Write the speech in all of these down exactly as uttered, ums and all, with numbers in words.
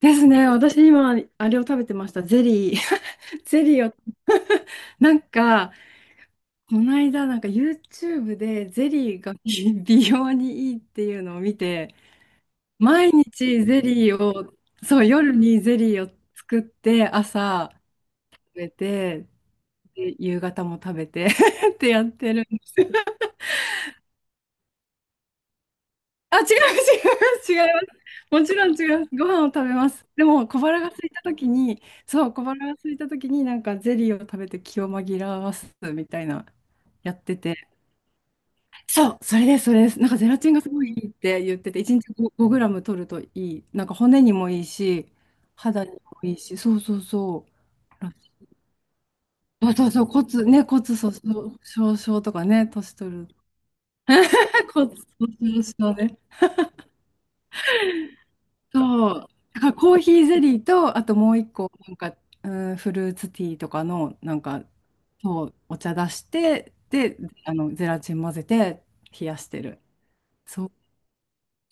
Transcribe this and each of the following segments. ですね。私今、あれを食べてました。ゼリー。ゼリーを。なんか、この間、なんか YouTube でゼリーが 美容にいいっていうのを見て、毎日ゼリーを、そう、夜にゼリーを作って、朝食べて、で夕方も食べて ってやってるんですよ。あ、違う、違う、違います。もちろん違います。ご飯を食べます。でも、小腹が空いたときに、そう、小腹が空いたときに、なんかゼリーを食べて気を紛らわすみたいな、やってて。そう、それです、それです。なんかゼラチンがすごいいいって言ってて、いちにちご、グラム取るといい。なんか骨にもいいし、肌にもいいし、そうそうそう。そうそうそう、骨、ね、骨粗鬆症とかね、年取る。骨粗鬆症ね。そう。だからコーヒーゼリーと、あともう一個、なんか、うん、フルーツティーとかの、なんか、そう、お茶出して、で、あの、ゼラチン混ぜて冷やしてる。そう。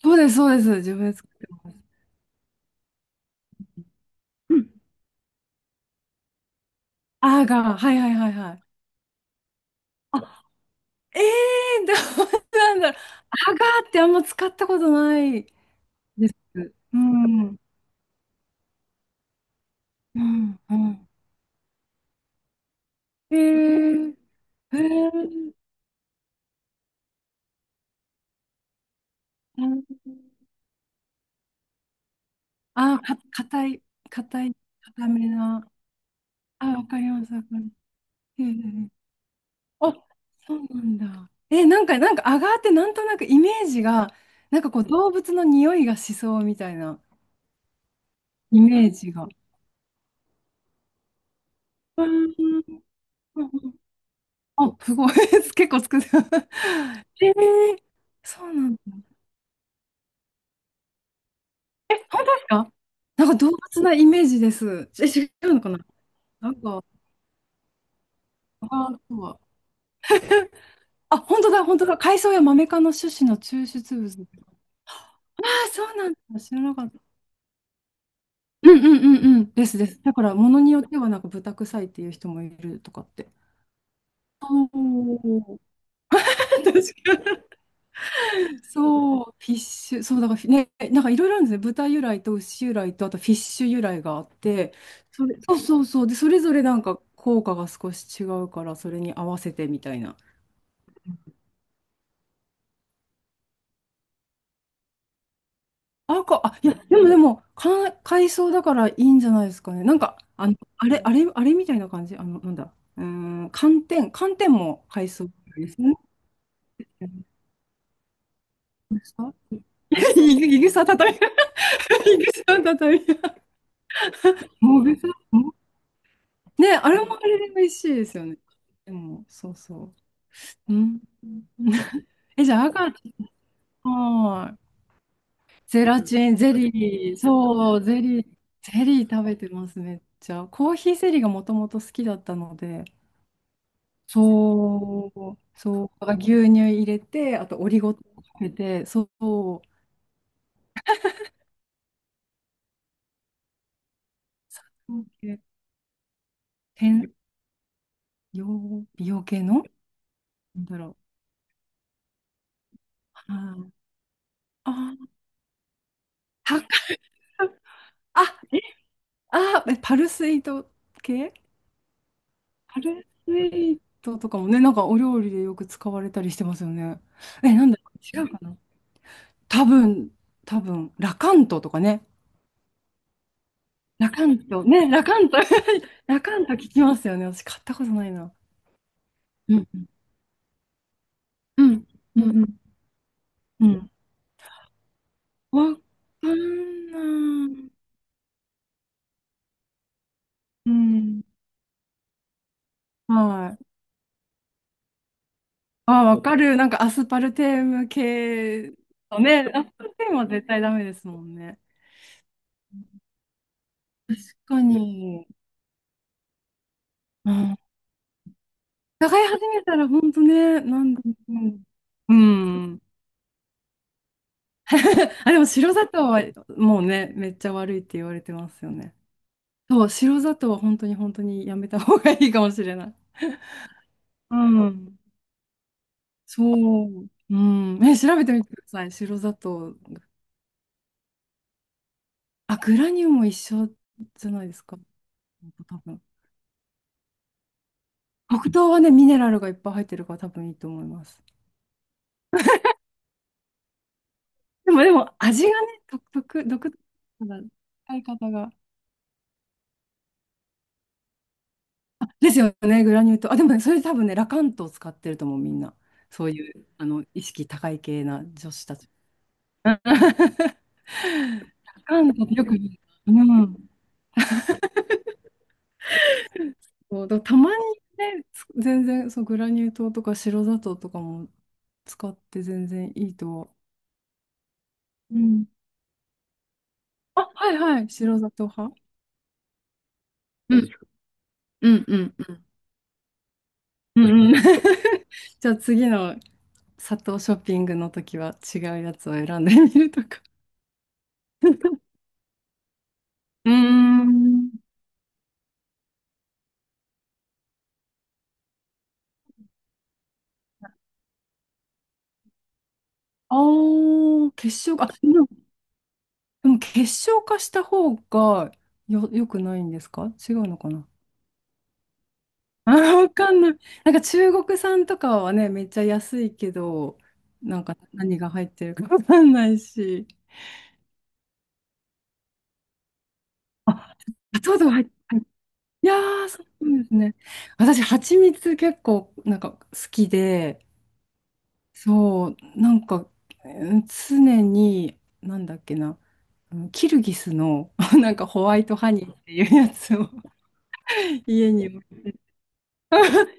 そうです、そうです。自分で作ってます。うんアガー、はいはいはいはい。あ、ええー、どうなんだろう。アガーってあんま使ったことないです。うん、うん、うん。えー、えー、あ、か、硬い、硬い、硬めな。あ、わかります、わかります。ええええあ、そうなんだ。え、なんか、なんか、アガーってなんとなくイメージが、なんかこう、動物の匂いがしそうみたいなイメージが。うんうんうんうんあ、すごい。結構作ってた。えーそうなんだ。え、本当ですかなんか動物なイメージです。え、違うのかななんか、あガーそうは。あ、本当だ、本当だ。海藻やマメ科の種子の抽出物。ああ、そうなんだ。知らなかった。うんうんうんうん。ですです。だから、ものによってはなんか豚臭いっていう人もいるとかって。そう 確かに。そう、フィッシュ、そう、だからフィね、なんかいろいろあるんですね。豚由来と牛由来と、あとフィッシュ由来があって、それ、そうそうそう、で、それぞれなんか効果が少し違うから、それに合わせてみたいな。あ、か、あ、いや、でもでも、か、海藻だからいいんじゃないですかね。なんか、あの、あれ、あれ、あれみたいな感じ、あの、なんだ、うーん、寒天、寒天も海藻ですね。いぐさ畳み、いぐさ畳み。もぐさ、もね、あれもあれで美味しいですよね。でも、そうそう。うん。え、じゃあ、アガチ、はい。ゼラチン、ゼリー、そう、ゼリー、ゼリー食べてます、めっちゃ。コーヒーゼリーがもともと好きだったので、そう、そう、牛乳入れて、あとオリゴ糖かけて、そう、天、美容、美容系のなんだろう。はいあー、あ、高い。あ、あーえパルスイート系パルスイートとかもね、なんかお料理でよく使われたりしてますよね。え、なんだ、違うかな多分、多分、ラカントとかね。ラカント、ね、ラカント、ラカント聞きますよね。私買ったことないな。うん、うん、うん、うん。うんわかんない。うん。はい。あわかる。なんかアスパルテーム系のね、アスパルテームは絶対ダメですもんね。確かに。うん伺い始めたら本当ね、なんで、うん。うん。あ、でも白砂糖はもうね、めっちゃ悪いって言われてますよね。そう、白砂糖は本当に本当にやめた方がいいかもしれない。うん。そう。うん。え、調べてみてください。白砂糖。あ、グラニューも一緒じゃないですか。多分。黒糖はね、ミネラルがいっぱい入ってるから多分いいと思います。でも、でも、味がね、独特、独特な使い方が。ですよね、グラニュー糖。あ、でもね、それ多分ね、ラカントを使ってると思う、みんな。そういう、あの、意識高い系な女子たち。ラカントってよく見る、うん。そう、だたまにね、つ全然、そう、グラニュー糖とか白砂糖とかも使って全然いいとは。うん。あ、はいはい、白砂糖派。うん、うん、うん、うん。うんうん じゃあ次の砂糖ショッピングの時は違うやつを選んでみるとか。うーんああ、結晶化、あ、でもでも結晶化した方がよ、よくないんですか違うのかなあー、わかんない。なんか中国産とかはね、めっちゃ安いけど、なんか何が入ってるかわかんないし。あ、砂糖が入って、いやー、そうなんですね。私、蜂蜜結構なんか好きで、そう、なんかうん常に、なんだっけな、うんキルギスの なんかホワイトハニーっていうやつを家にも。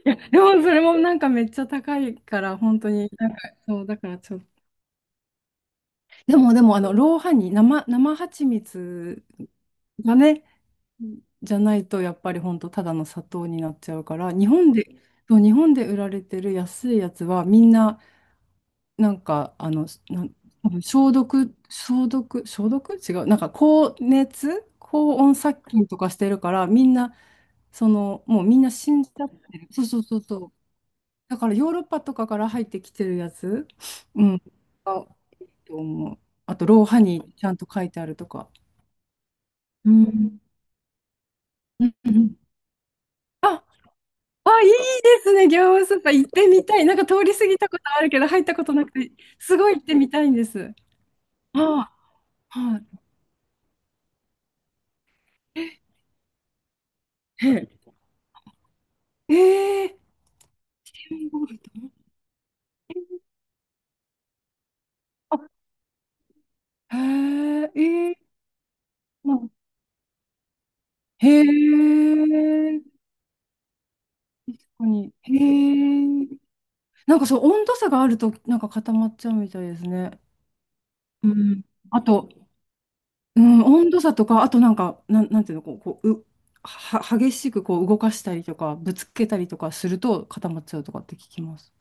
いや、でもそれもなんかめっちゃ高いから、本当に、なんか、そう、だからちょっと。でも、でも、あの、ローハニー、生、生蜂蜜がね、じゃないと、やっぱり本当ただの砂糖になっちゃうから、日本で、そう、日本で売られてる安いやつは、みんな、なんか、あの、なん、多分消毒、消毒、消毒違う。なんか、高熱、高温殺菌とかしてるから、みんな、その、もうみんな死んじゃってる。そうそうそうそう。だからヨーロッパとかから入ってきてるやつ、うん、が多いと思う。あと、ローハニーちゃんと書いてあるとか。うん。うんうんあ、あ、いいですね、業務スーパー行ってみたい。なんか通り過ぎたことあるけど、入ったことなくて、すごい行ってみたいんです。ああ、はい。へえ、えー、チキンボールとあ、へえ、ええまあへえ、確かに。へえ、なんかそう、温度差があると、なんか固まっちゃうみたいですね。うん。あと、うん、温度差とか、あとなんか、なん、なんていうの、こう、こう、う、は、激しくこう動かしたりとか、ぶつけたりとかすると固まっちゃうとかって聞きます。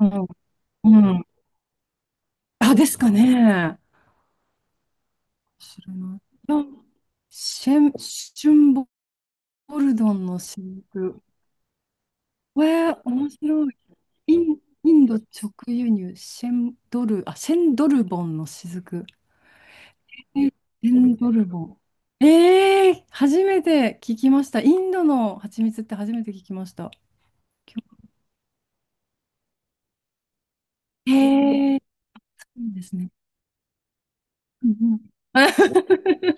うん。うん。あ、ですかね。知らない。あシェン、シュンボルドンの新婦。えー、面白い。イン、インド直輸入、シェンドル、あ、シェンドルボンの雫。えエンドルボ。ええ初めて聞きました。インドの蜂蜜って初めて聞きました。へえー、そうですね。うんうん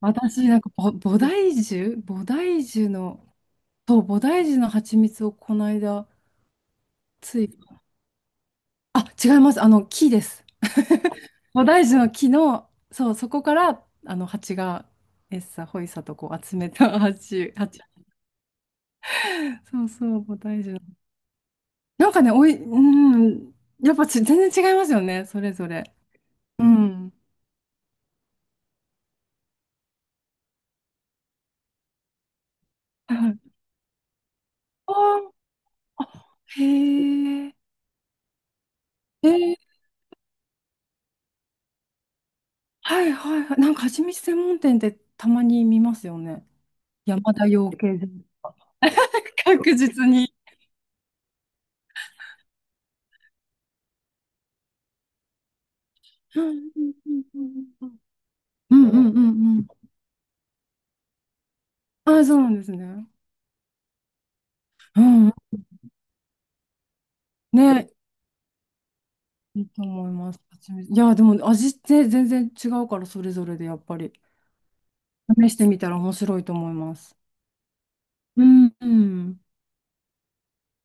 私、なんかぼ、菩提樹菩提樹の、そう、菩提樹の蜂蜜をこの間、つい、あ、違います。あの、木です。菩提樹の木の、そう、そこから、あの、蜂が、エッサ、ホイサとこう集めた蜂、蜂。そうそう、菩提樹なんかね、おい、うん、やっぱち、全然違いますよね、それぞれ。うん。はい。あーあ、へえ、へえ、はいはいはい。なんか、蜂蜜専門店ってたまに見ますよね。山田養鶏場。確実に。うんうんうんうんうん。ああ、そうなんですね。うん。ね、いいと思います。蜂蜜いや、でも味って全然違うから、それぞれでやっぱり。試してみたら面白いと思います。うん。うん